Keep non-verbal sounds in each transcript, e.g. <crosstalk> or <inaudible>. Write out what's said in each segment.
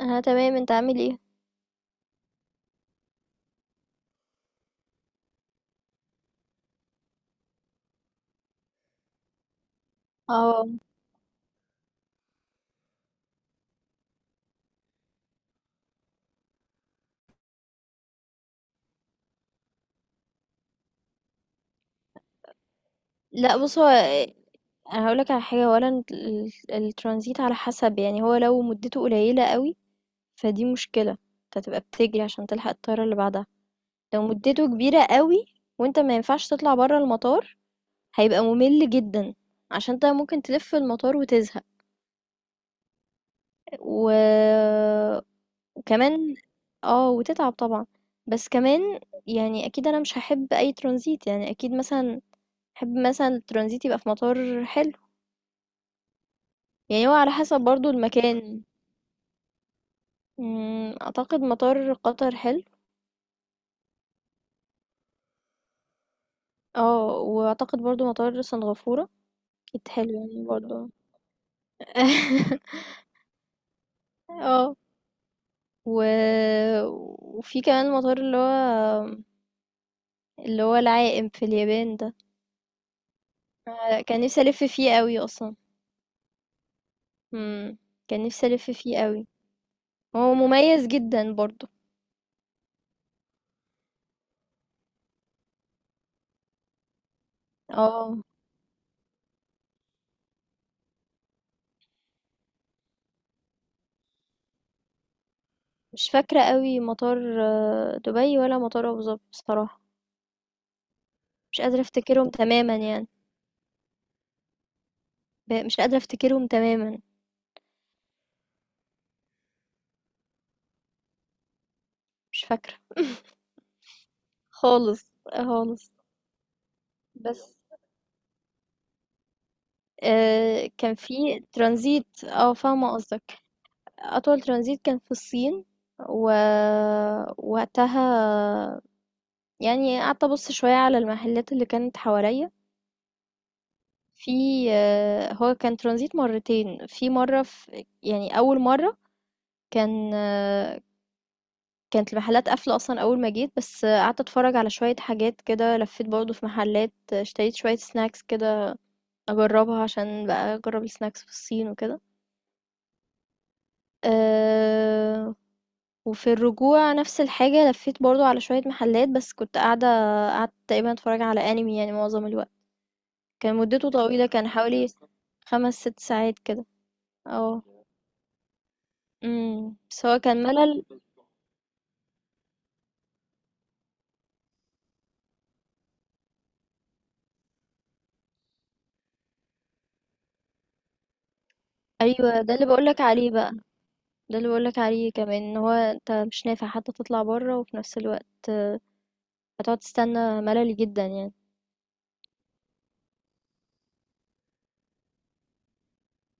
انا تمام، انت عامل ايه؟ اه. لا، بص، هو انا هقولك على حاجه، اولا الترانزيت على حسب، يعني هو لو مدته قليله قوي فدي مشكله، انت هتبقى بتجري عشان تلحق الطياره اللي بعدها. لو مدته كبيره قوي وانت ما ينفعش تطلع بره المطار، هيبقى ممل جدا، عشان انت ممكن تلف في المطار وتزهق. و... وكمان، اه، وتتعب طبعا. بس كمان يعني اكيد انا مش هحب اي ترانزيت، يعني اكيد مثلا احب مثلا الترانزيت يبقى في مطار حلو. يعني هو على حسب برضو المكان. اعتقد مطار قطر حلو. اه، واعتقد برضو مطار سنغافورة اكيد حلو يعني برضو. <laughs> اه، و... وفي كمان مطار اللي هو العائم في اليابان ده. كان نفسي الف فيه قوي اصلا. مم. كان نفسي الف فيه قوي، هو مميز جدا برضو. اه، مش فاكرة قوي مطار دبي ولا مطار ابو ظبي بصراحة. مش قادرة افتكرهم تماما يعني، مش قادرة افتكرهم تماما، مش فاكرة خالص، خالص. بس كان في ترانزيت، فاهمة قصدك. أطول ترانزيت كان في الصين، و وقتها يعني قعدت أبُص شوية على المحلات اللي كانت حواليّا. في آه، هو كان ترانزيت مرّتين، في مرّة، يعني أول مرّة كان آه، كانت المحلات قافلة أصلًا أول ما جيت، بس قعدت أتفرّج على شوية حاجات كده، لفّيت برضه في محلات، اشتريت شوية snacks كده اجربها، عشان بقى اجرب السناكس في الصين وكده. أه، وفي الرجوع نفس الحاجة، لفيت برضو على شوية محلات، بس كنت قاعدة، قعدت تقريبا اتفرج على انمي يعني معظم الوقت. كان مدته طويلة، كان حوالي خمس ست ساعات كده. اه. بس هو كان ملل. ايوه، ده اللي بقولك عليه بقى، ده اللي بقولك عليه كمان ان هو انت مش نافع حتى تطلع بره، وفي نفس الوقت هتقعد تستنى، ملل جدا يعني.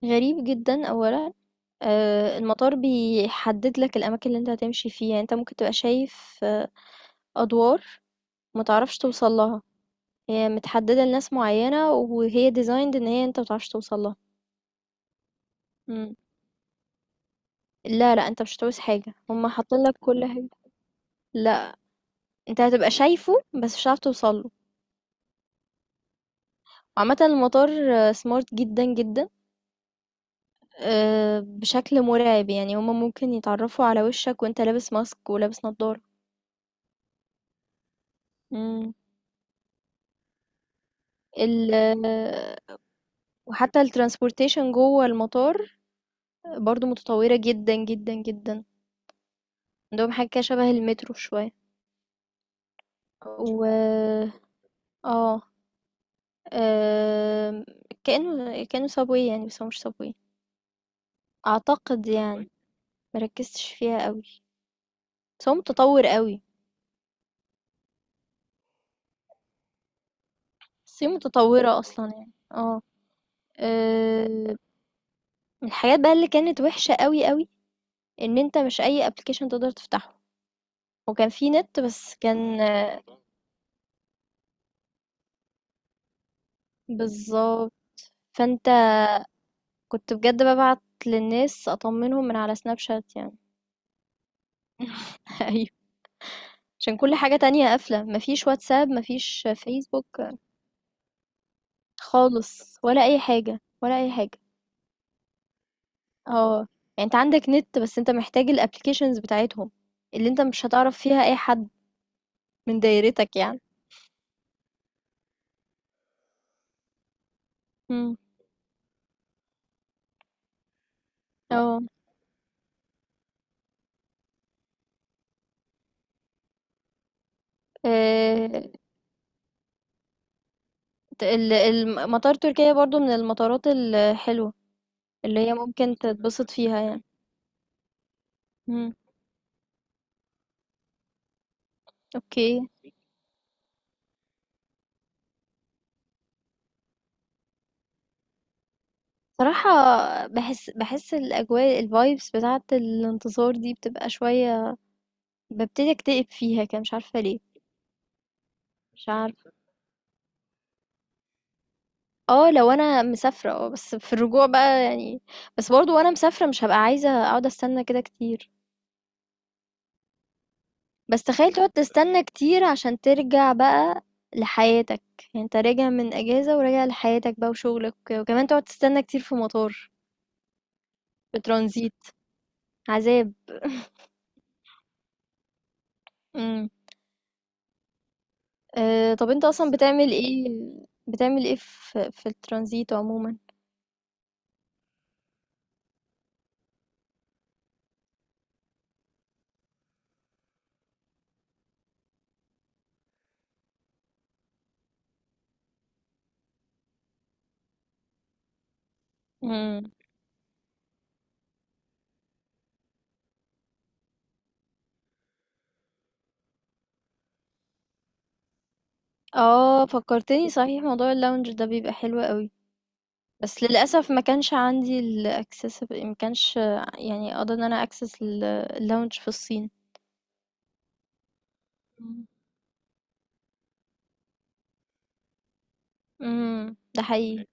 غريب جدا اولا، المطار بيحدد لك الأماكن اللي أنت هتمشي فيها، يعني أنت ممكن تبقى شايف أدوار ما تعرفش توصل لها، هي متحددة لناس معيّنة، وهي designed إن هي أنت ما تعرفش توصل لها. إمم. لا، لأ، أنت مش هتعوز حاجة، هُم حاطين لك كل حاجة. لأ، أنت هتبقى شايفه بس مش هتعرف توصل له. عامةً المطار smart جدًا، جدًا، بشكل مرعب، يعني هُم ممكن يتعرّفوا على وشّك وأنت لابس ماسك ولابس نضارة. إمم. ال آه، وحتى الtransportation جوّه المطار برضو متطورة جدا جدا جدا. عندهم حاجة كده شبه المترو شوية. و اه آم، كأنه صابوي يعني، بس هو مش صابوي أعتقد يعني. مركزتش فيها قوي، بس هو متطور قوي. الصين متطورة أصلا يعني. اه، آم، من الحاجات بقى اللي كانت وحشة قوي قوي إن أنت مش أي ابلكيشن تقدر تفتحه، وكان في نت بس كان بالظبط. فأنت كنت بجد ببعت للناس أطمنهم من على سناب شات يعني. <laughs> أيوه. عشان كل حاجة تانية قافلة، ما فيش واتساب، ما فيش فيسبوك خالص، ولا أي حاجة، ولا أي حاجة. آه. يعني أنت عندك نت، بس أنت محتاج الapplications بتاعتهم، اللي أنت مش هتعرف فيها أي حد من دايرتك يعني. إمم. آه. آآ ت ال الم مطار تركيا برضه من المطارات الحلوة، اللي هي ممكن تتبسط فيها يعني. إمم. أوكي. بصراحة باحس الأجواء الvibes بتاعة الانتصار دي بتبقى شوية ببتدي اكتئب فيها كده، مش عارفة ليه. مش عارفة. اه، لو انا مسافرة اه، بس في الرجوع بقى يعني، بس برضو وانا مسافرة مش هبقى عايزة اقعد استنى كده كتير. بس تخيل تقعد تستنى كتير عشان ترجع بقى لحياتك، يعني انت راجع من اجازة وراجع لحياتك بقى وشغلك وكده. وكمان تقعد تستنى كتير في مطار، في ترانزيت، عذاب. امم. أه، طب انت اصلا بتعمل ايه، بتعمل ايه في الترانزيت عموما؟ امم اه، فكرتني صحيح، موضوع اللونج ده بيبقى حلو قوي. بس للأسف ما كانش عندي ال accessible، ما كانش يعني أقدر إن أنا access الlounge في الصين. إمم. إمم، ده حقيقي. أوكي.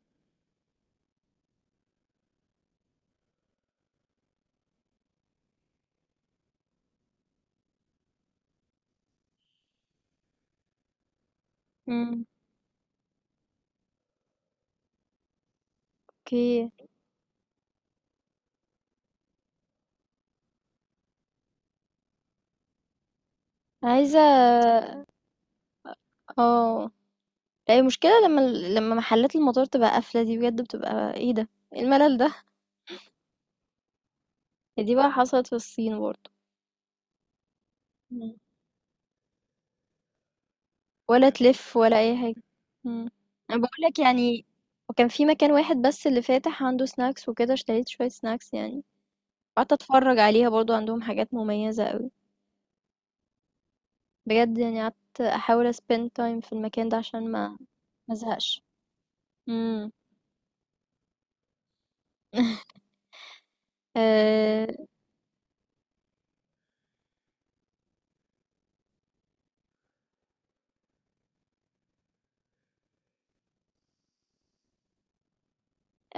إمم، أوكي. عايزة آه، لا، هي المشكلة لمّا لمّا محلات المطار تبقى قافلة، دي بجد بتبقى إيه ده، إيه الملل ده! هي دي بقى حصلت في الصين برضه. إمم. ولا تلِف ولا أي حاجة. إمم، أنا باقول لك يعني. وكان في مكان واحد بس اللي فاتح عنده snacks وكده، اشتريت شوية snacks يعني، وقعدت أتفرّج عليها، برضه عندهم حاجات مميزة أوي. بجد يعني قعدت أحاول spend time في المكان ده عشان ما ازهقش. امم. <laughs> آه،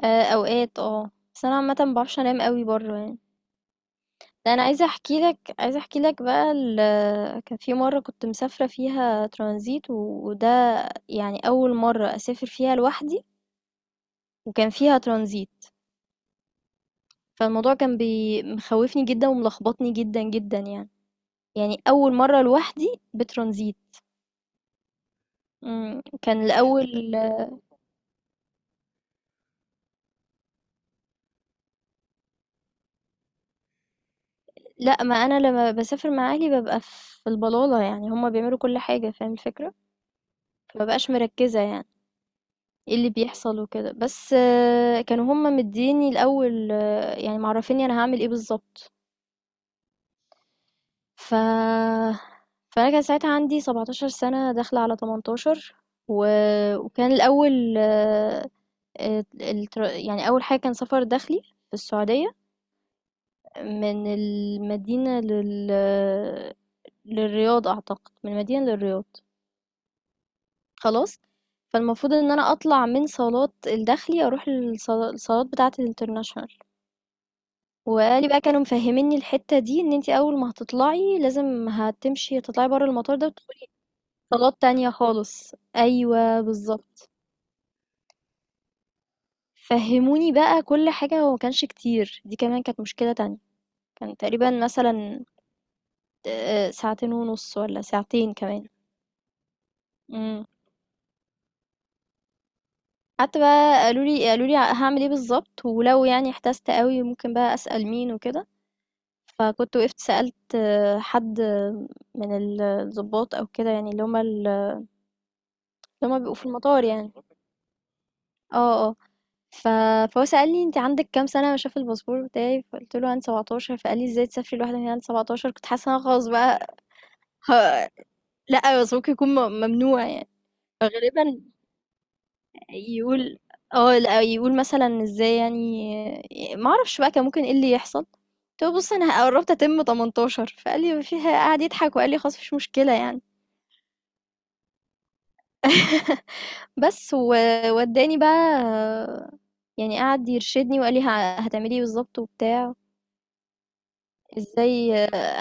آه، اوقات اه، بس انا عامه ما بعرفش انام قوي بره يعني. ده انا عايزه احكي لك بقى، كان في مره كنت مسافره فيها ترانزيت، وده يعني اول مره اسافر فيها لوحدي، وكان فيها ترانزيت. فالموضوع كان مخوفني جدا وملخبطني جدا جدا يعني، يعني اول مره لوحدي بترانزيت. كان، لا، الاول. <laughs> لأ، ما أنا لمّا باسافر مع أهلي بابقى في البلالة، يعني هُم بيعملوا كل حاجة، فاهم الفكرة؟ فما بابقاش مركّزة يعني إيه اللي بيحصل وكده، بس كانوا هُم مدّييني الأول، يعني معرّفينّي أنا هاعمل إيه بالضبط. ف فأنا كان ساعتها عندي 17 سَنة داخلة على 18، و وكان الأول، يعني أول حاجة كان سَفَر داخلي في السعودية، من المدينة للرياض أعتقد، من المدينة للرياض. خلاص، فالمفروض إن أنا أطلع من صالات الداخلي أروح الصالات بتاعة الinternational. وقال لي بقى، كانوا مفهّمينّي الحتّة دي إن أنتِ أول ما هتطلعي لازم هتمشي تطلعي برّه المطار ده وتدخلي صالات تانية خالص، أيوه بالضبط. فهّموني بقى كل حاجة، وما كانش كتير، دي كمان كانت مشكلة تانية. كان تقريبًا مثلًا ساعتين ونُص والّا ساعتين كمان. إمم. قعدت بقى، قالوا لي هاعمل إيه بالضبط، ولو يعني احتجت أوي ممكن بقى أسأل مين وكده. فكنت وقفت سألت حد من الضباط أو كده، يعني اللي هم بيبقوا في المطار يعني. آه، آه، ف فهو سألني: أنتِ عندِك كام سنة؟ شاف الباسبور بتاعي، فقُلت له عندي 17، فقال لي: "إزاي تسافري لوحدِك هنا عندِك 17؟" كنت حاسة إن أنا خلاص بقى. ه لأ، بس ممكن يكون ممنوع يعني، فغالبًا يقول لأ، يقول مثلًا إزاي، يعني ما أعرفش بقى كان ممكن إيه اللي يحصل. قُلت له: "بُصّ أنا قرّبت أتم 18" فقال لي: "ما فيها" قعد يضحك وقال لي: "خلاص، ما فيش مشكلة يعني." <laughs> بس وادّاني بقى، يعني قعد يرشدني وقال لي هتعملي إيه بالضبط وبتاع، إزاي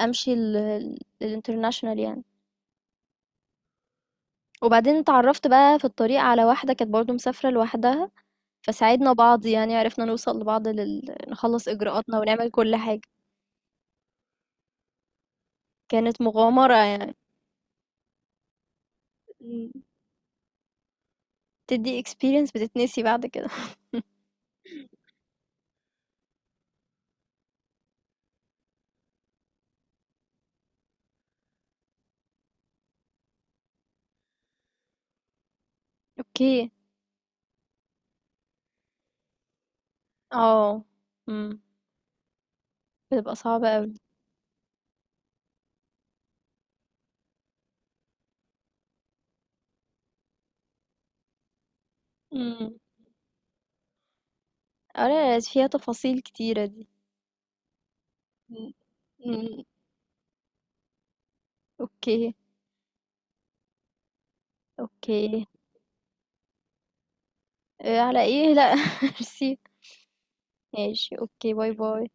أمشي للinternational يعني. وبعدين اتعرّفت بقى في الطريق على واحدة كانت برضه مسافرة لوحدها، فساعدنا بعض، يعني عرفنا نوصل لبعض نخلّص إجراءاتنا ونعمل كل حاجة. كانت مغامرة يعني. إمم. بتدّي experience بتتنسي بعد كده. <laughs> أوكي، آه، إمم، بتبقى صعبة أوي. إمم، آه، لا، لا، فيها تفاصيل كتيرة دي. إمم. إمم. أوكي، أوكي. على إيه، لأ، <laughs> ميرسي. ماشي، أوكي، باي، باي.